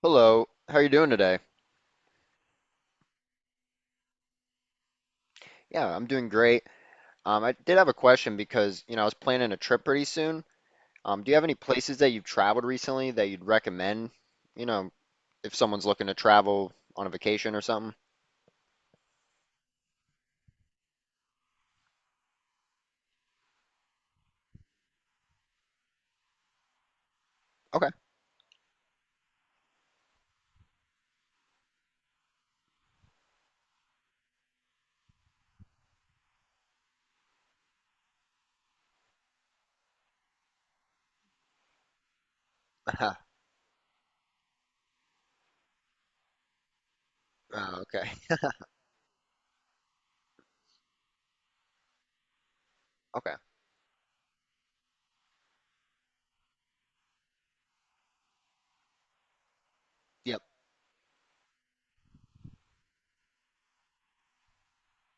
Hello, how are you doing today? Yeah, I'm doing great. I did have a question because, you know, I was planning a trip pretty soon. Do you have any places that you've traveled recently that you'd recommend, you know, if someone's looking to travel on a vacation or something? Okay. Oh, okay. Okay. Yep.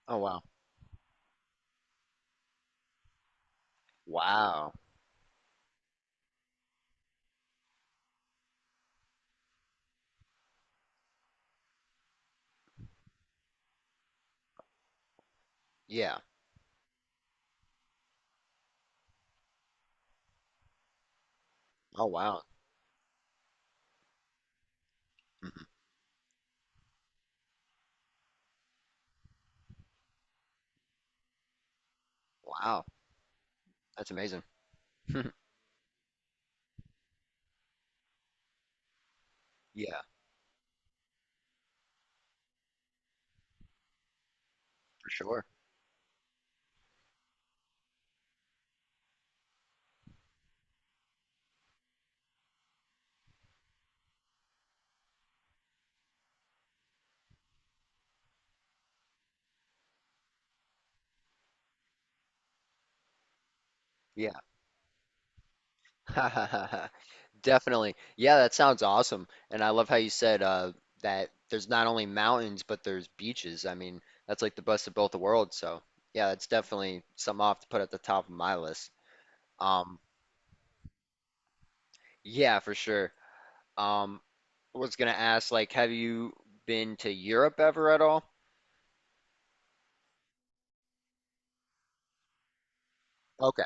Oh, wow. Wow. Yeah. Oh, wow. Mhm. Wow. That's amazing. Yeah, for sure. Yeah. Definitely. Yeah, that sounds awesome. And I love how you said that there's not only mountains, but there's beaches. I mean, that's like the best of both the worlds. So, yeah, that's definitely something I'll have to put at the top of my list. Um, yeah, for sure. Um, I was gonna ask, like, have you been to Europe ever at all? Okay.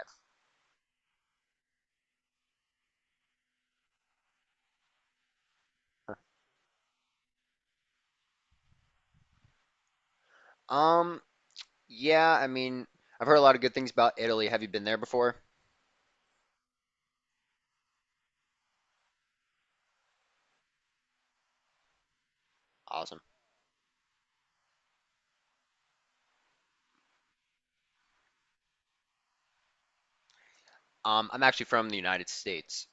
Um, yeah, I mean, I've heard a lot of good things about Italy. Have you been there before? Awesome. I'm actually from the United States.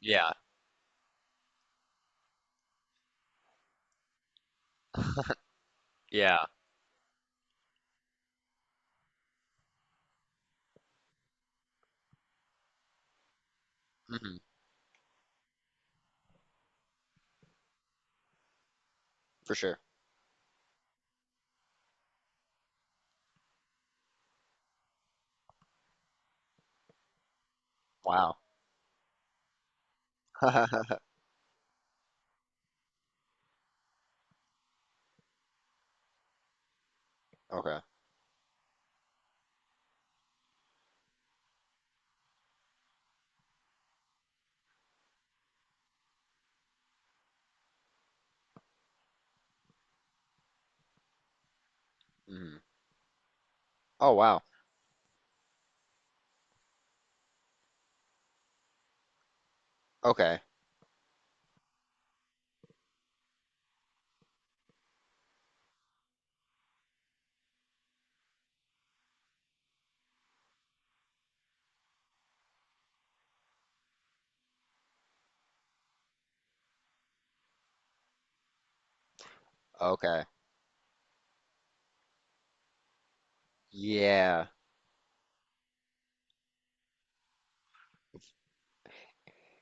Yeah, yeah. Hmm. For sure. Wow. Okay. Mhm. Oh, wow. Okay. Okay. Yeah.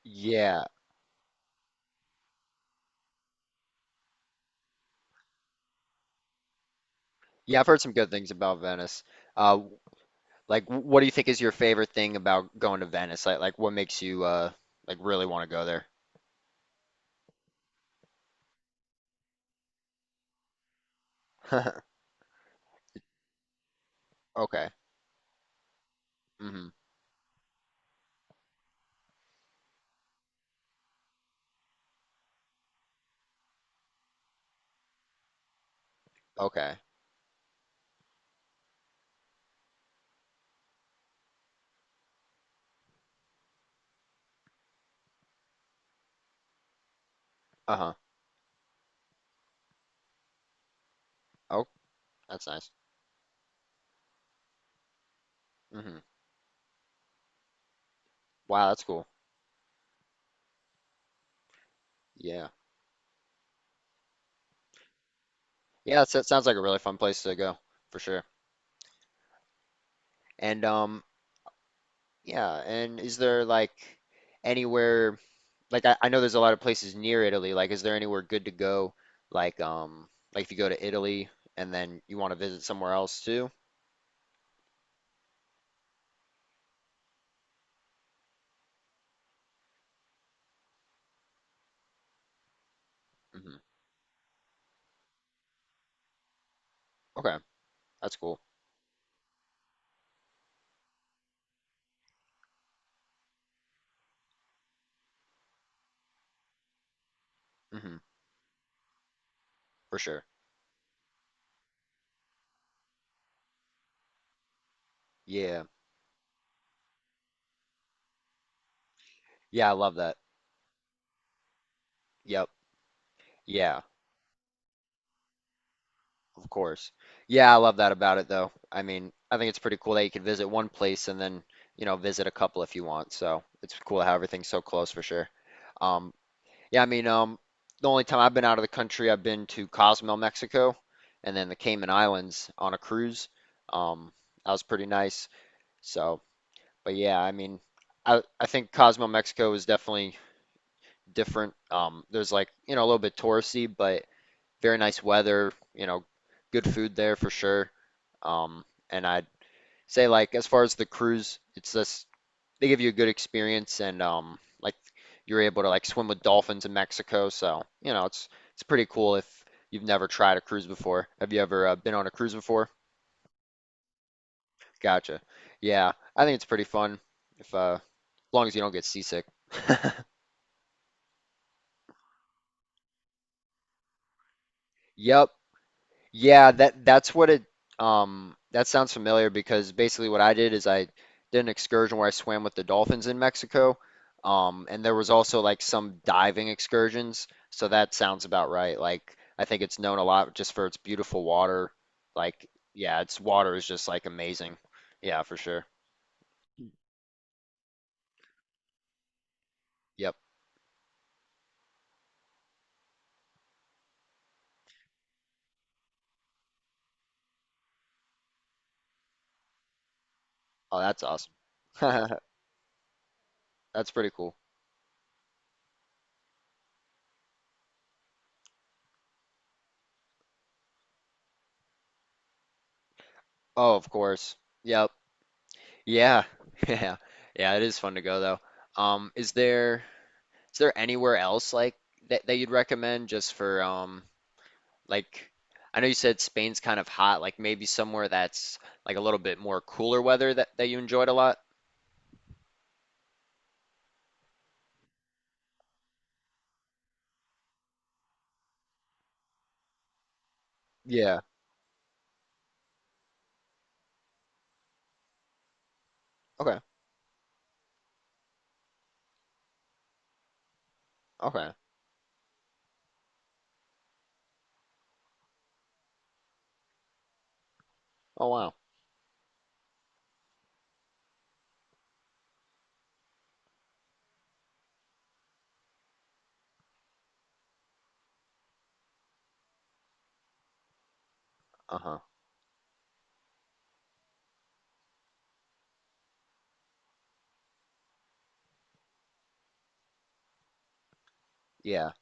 Yeah. Yeah, I've heard some good things about Venice. Uh, like, what do you think is your favorite thing about going to Venice? Like what makes you like really want to go there? Okay. Hmm. Okay. Uh-huh. Oh, that's nice. Hmm. Wow, that's cool. Yeah. Yeah, that sounds like a really fun place to go for sure. And yeah. And is there like anywhere? Like I know there's a lot of places near Italy. Like, is there anywhere good to go? Like, um, like if you go to Italy and then you want to visit somewhere else too? Hmm. Okay, that's cool. Hmm. For sure. Yeah. Yeah, I love that. Yep. Yeah, of course. Yeah, I love that about it though. I mean, I think it's pretty cool that you can visit one place and then, you know, visit a couple if you want. So it's cool how everything's so close for sure. Um, yeah, I mean, the only time I've been out of the country, I've been to Cozumel, Mexico, and then the Cayman Islands on a cruise. Um, that was pretty nice. So, but yeah, I mean, I think Cozumel, Mexico is definitely different. There's like, you know, a little bit touristy, but very nice weather, you know, good food there for sure. Um, and I'd say like as far as the cruise, it's this, they give you a good experience and like you're able to like swim with dolphins in Mexico. So, you know, it's pretty cool if you've never tried a cruise before. Have you ever been on a cruise before? Gotcha. Yeah, I think it's pretty fun if as long as you don't get seasick. Yep. Yeah, that's what it that sounds familiar because basically what I did is I did an excursion where I swam with the dolphins in Mexico. Um, and there was also like some diving excursions, so that sounds about right. Like I think it's known a lot just for its beautiful water. Like yeah, its water is just like amazing. Yeah, for sure. Yep. Oh, that's awesome. That's pretty cool. Oh, of course. Yep. Yeah. Yeah. Yeah, it is fun to go though. Is there is there anywhere else like that you'd recommend just for like I know you said Spain's kind of hot, like maybe somewhere that's like a little bit more cooler weather that you enjoyed a lot? Yeah. Okay. Okay. Oh, wow. Uh-huh. Yeah.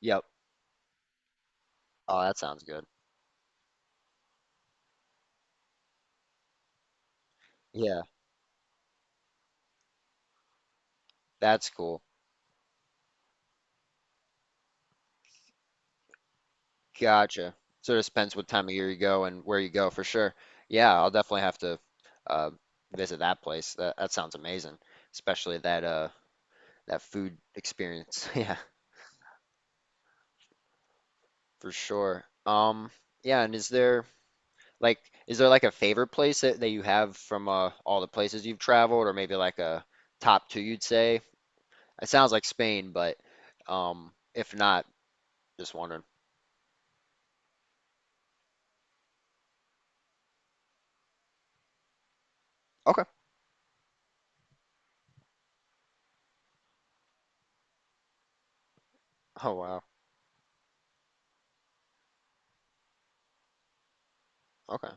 Yep. Oh, that sounds good. Yeah, that's cool. Gotcha. Sort of depends what time of year you go and where you go for sure. Yeah, I'll definitely have to uh, visit that place. That sounds amazing, especially that that food experience. Yeah. For sure. Yeah, and like is there like a favorite place that you have from all the places you've traveled, or maybe like a top two you'd say? It sounds like Spain, but if not, just wondering. Okay. Oh, wow. Okay.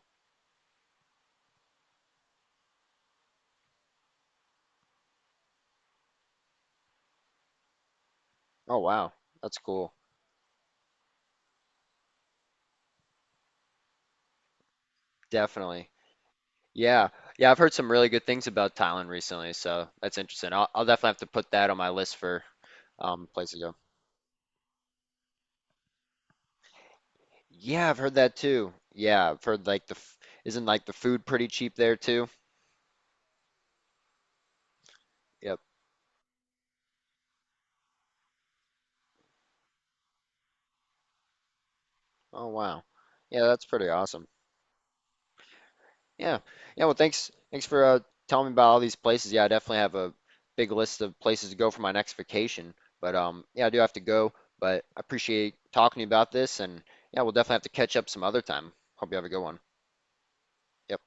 Oh, wow. That's cool. Definitely. Yeah. Yeah, I've heard some really good things about Thailand recently, so that's interesting. I'll definitely have to put that on my list for places to go. Yeah, I've heard that too. Yeah, I've heard like the isn't like the food pretty cheap there too? Yep. Oh, wow. Yeah, that's pretty awesome. Yeah. Yeah, well thanks for telling me about all these places. Yeah, I definitely have a big list of places to go for my next vacation. But yeah, I do have to go, but I appreciate talking to you about this and yeah, we'll definitely have to catch up some other time. Hope you have a good one. Yep.